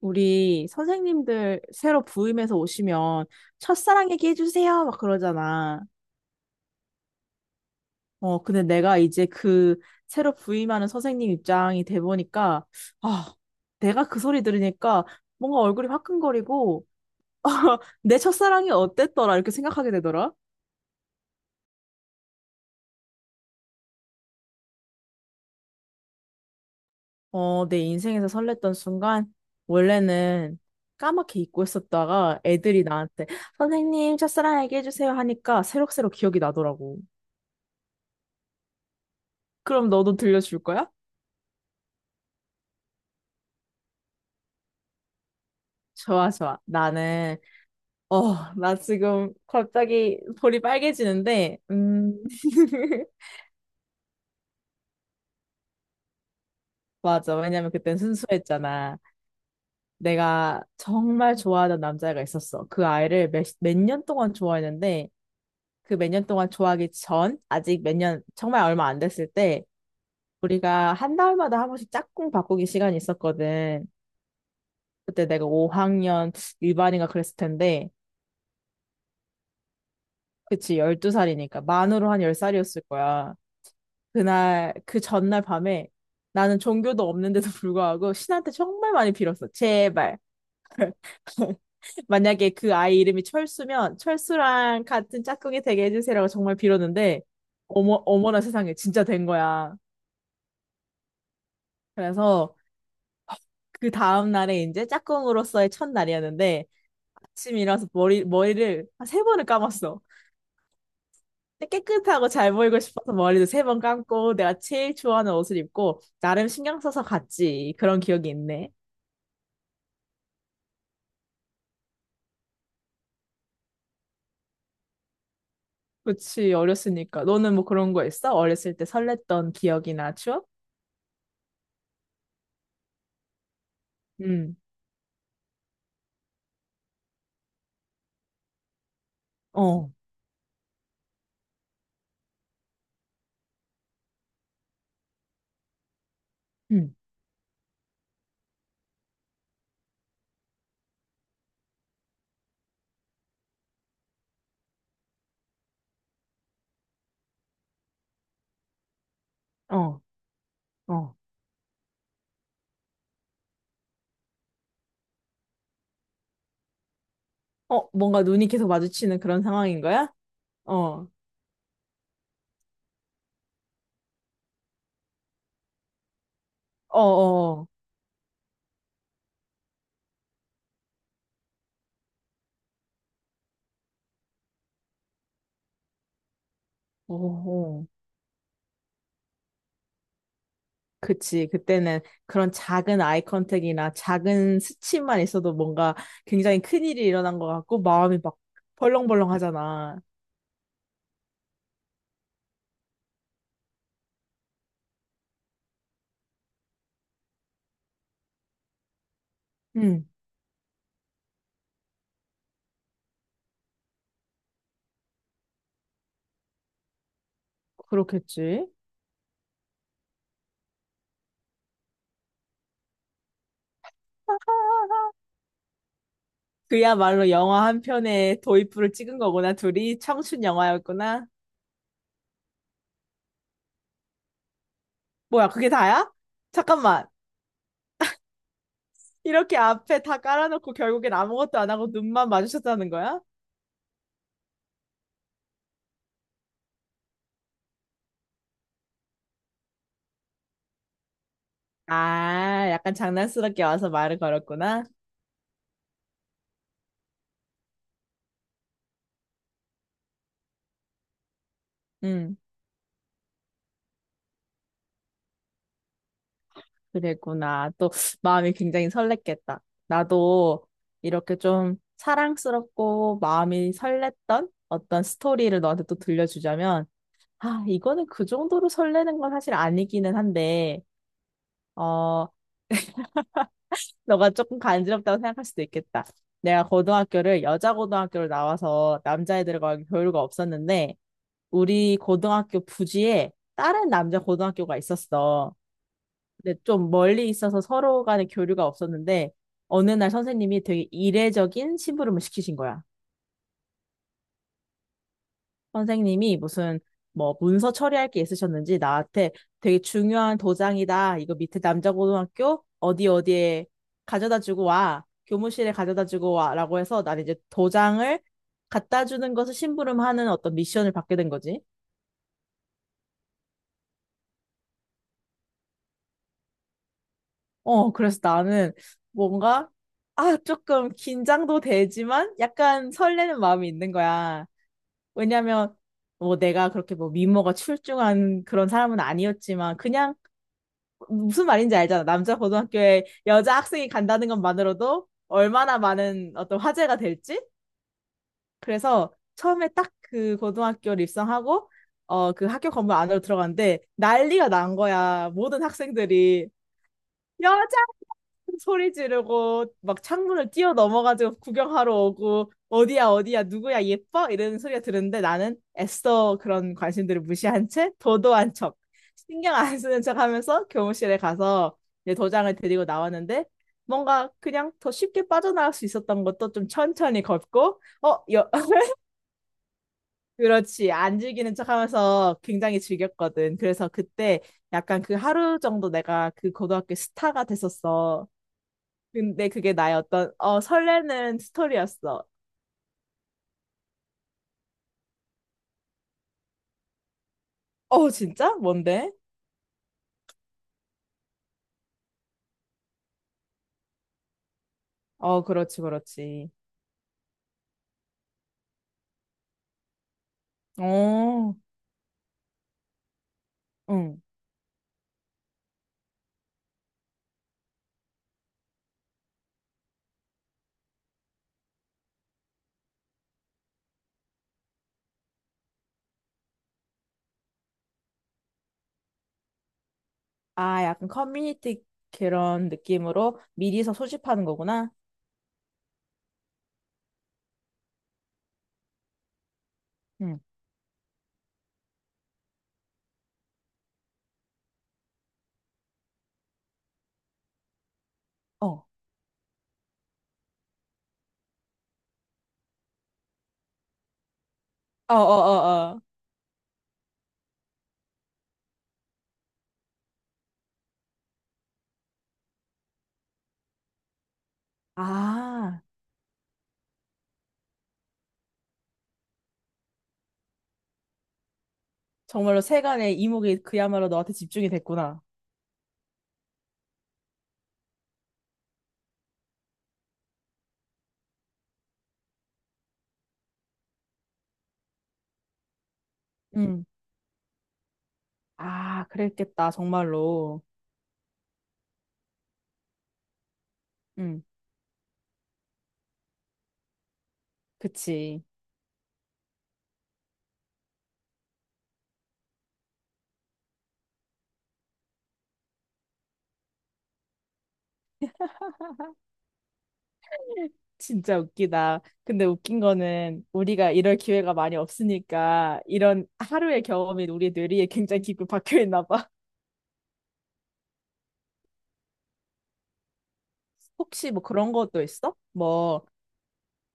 우리 선생님들 새로 부임해서 오시면 첫사랑 얘기해 주세요 막 그러잖아. 근데 내가 이제 그 새로 부임하는 선생님 입장이 돼 보니까 아, 내가 그 소리 들으니까 뭔가 얼굴이 화끈거리고 내 첫사랑이 어땠더라 이렇게 생각하게 되더라. 내 인생에서 설렜던 순간 원래는 까맣게 잊고 있었다가 애들이 나한테 선생님 첫사랑 얘기해 주세요 하니까 새록새록 기억이 나더라고. 그럼 너도 들려줄 거야? 좋아, 좋아. 나는, 나 지금 갑자기 볼이 빨개지는데, 맞아. 왜냐면 그땐 순수했잖아. 내가 정말 좋아하던 남자애가 있었어. 그 아이를 몇 년 동안 좋아했는데, 그 몇 년 동안 좋아하기 전, 아직 몇 년, 정말 얼마 안 됐을 때, 우리가 한 달마다 한 번씩 짝꿍 바꾸기 시간이 있었거든. 그때 내가 5학년 일반인가 그랬을 텐데, 그치, 열두 살이니까 만으로 한 열 살이었을 거야. 그날, 그 전날 밤에 나는 종교도 없는데도 불구하고 신한테 정말 많이 빌었어. 제발. 만약에 그 아이 이름이 철수면 철수랑 같은 짝꿍이 되게 해주세요라고 정말 빌었는데 어머 어머나 세상에 진짜 된 거야. 그래서 그 다음 날에 이제 짝꿍으로서의 첫날이었는데 아침 일어나서 머리를 한 세 번을 감았어. 깨끗하고 잘 보이고 싶어서 머리도 세 번 감고 내가 제일 좋아하는 옷을 입고 나름 신경 써서 갔지. 그런 기억이 있네. 그치, 어렸으니까. 너는 뭐 그런 거 있어? 어렸을 때 설렜던 기억이나 추억? 응. 어, 응. 어, 어. 어, 뭔가 눈이 계속 마주치는 그런 상황인 거야? 어, 어, 어, 어, 어. 어. 그치. 그때는 그런 작은 아이 컨택이나 작은 스침만 있어도 뭔가 굉장히 큰일이 일어난 것 같고 마음이 막 벌렁벌렁 하잖아. 그렇겠지. 그야말로 영화 한 편에 도입부를 찍은 거구나. 둘이 청춘 영화였구나. 뭐야, 그게 다야? 잠깐만. 이렇게 앞에 다 깔아놓고 결국엔 아무것도 안 하고 눈만 마주쳤다는 거야? 아, 약간 장난스럽게 와서 말을 걸었구나. 응, 그랬구나. 또 마음이 굉장히 설렜겠다. 나도 이렇게 좀 사랑스럽고 마음이 설렜던 어떤 스토리를 너한테 또 들려주자면, 아, 이거는 그 정도로 설레는 건 사실 아니기는 한데, 어, 너가 조금 간지럽다고 생각할 수도 있겠다. 내가 고등학교를 여자 고등학교로 나와서 남자애들과 교류가 없었는데, 우리 고등학교 부지에 다른 남자 고등학교가 있었어. 근데 좀 멀리 있어서 서로 간에 교류가 없었는데, 어느 날 선생님이 되게 이례적인 심부름을 시키신 거야. 선생님이 무슨 뭐 문서 처리할 게 있으셨는지 나한테 되게 중요한 도장이다. 이거 밑에 남자고등학교 어디 어디에 가져다 주고 와. 교무실에 가져다 주고 와라고 해서 난 이제 도장을 갖다 주는 것을 심부름하는 어떤 미션을 받게 된 거지. 그래서 나는 뭔가 아, 조금 긴장도 되지만 약간 설레는 마음이 있는 거야. 왜냐면 뭐 내가 그렇게 뭐 미모가 출중한 그런 사람은 아니었지만 그냥 무슨 말인지 알잖아. 남자 고등학교에 여자 학생이 간다는 것만으로도 얼마나 많은 어떤 화제가 될지. 그래서 처음에 딱 그 고등학교를 입성하고 그 학교 건물 안으로 들어갔는데 난리가 난 거야. 모든 학생들이 여자 소리 지르고 막 창문을 뛰어 넘어가지고 구경하러 오고 어디야 어디야 누구야 예뻐 이런 소리가 들었는데 나는 애써 그런 관심들을 무시한 채 도도한 척 신경 안 쓰는 척 하면서 교무실에 가서 이제 도장을 들이고 나왔는데 뭔가 그냥 더 쉽게 빠져나갈 수 있었던 것도 좀 천천히 걷고 그렇지 안 즐기는 척 하면서 굉장히 즐겼거든 그래서 그때 약간 그 하루 정도 내가 그 고등학교 스타가 됐었어. 근데 그게 나의 어떤 어 설레는 스토리였어. 어 진짜? 뭔데? 어 그렇지 그렇지. 어 응. 아 약간 커뮤니티 그런 느낌으로 미리서 소집하는 거구나. 응. 어. 어어어 어. 아, 정말로 세간의 이목이 그야말로 너한테 집중이 됐구나. 응. 아, 그랬겠다 정말로. 응. 그치. 진짜 웃기다. 근데 웃긴 거는 우리가 이럴 기회가 많이 없으니까 이런 하루의 경험이 우리 뇌리에 굉장히 깊이 박혀 있나 봐. 혹시 뭐 그런 것도 있어? 뭐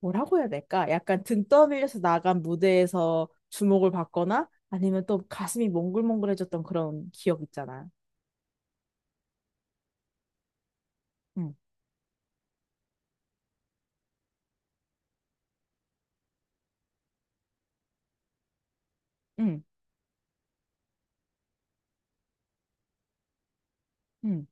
뭐라고 해야 될까? 약간 등 떠밀려서 나간 무대에서 주목을 받거나 아니면 또 가슴이 몽글몽글해졌던 그런 기억 있잖아. 응, 응, 응.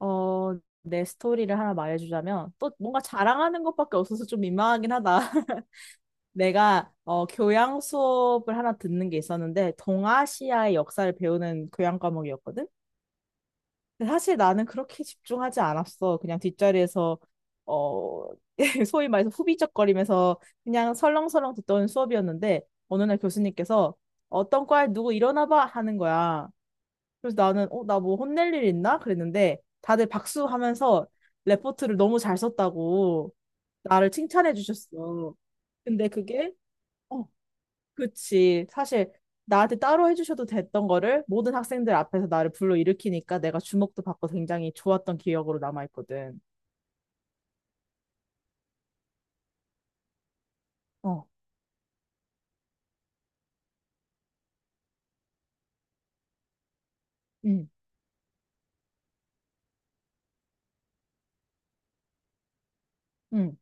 내 스토리를 하나 말해주자면 또 뭔가 자랑하는 것밖에 없어서 좀 민망하긴 하다. 내가 어, 교양 수업을 하나 듣는 게 있었는데 동아시아의 역사를 배우는 교양 과목이었거든. 근데 사실 나는 그렇게 집중하지 않았어. 그냥 뒷자리에서 어, 소위 말해서 후비적거리면서 그냥 설렁설렁 듣던 수업이었는데 어느 날 교수님께서 어떤 과에 누구 일어나 봐 하는 거야. 그래서 나는 나 뭐 혼낼 일 있나? 그랬는데 다들 박수하면서 레포트를 너무 잘 썼다고 나를 칭찬해 주셨어. 근데 그게 어, 그치. 사실 나한테 따로 해주셔도 됐던 거를 모든 학생들 앞에서 나를 불러일으키니까 내가 주목도 받고 굉장히 좋았던 기억으로 남아있거든. 어, 응, 응.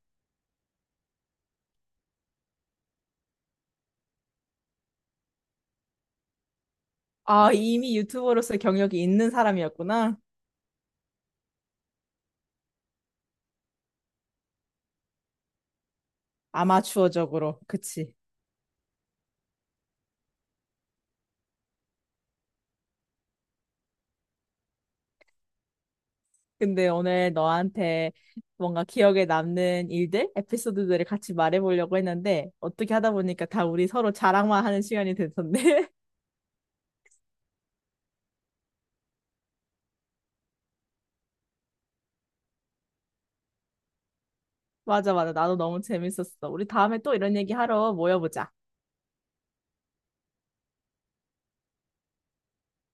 아, 이미 유튜버로서의 경력이 있는 사람이었구나. 아마추어적으로. 그치. 근데 오늘 너한테 뭔가 기억에 남는 일들, 에피소드들을 같이 말해보려고 했는데 어떻게 하다 보니까 다 우리 서로 자랑만 하는 시간이 됐었네. 맞아, 맞아. 나도 너무 재밌었어. 우리 다음에 또 이런 얘기 하러 모여보자.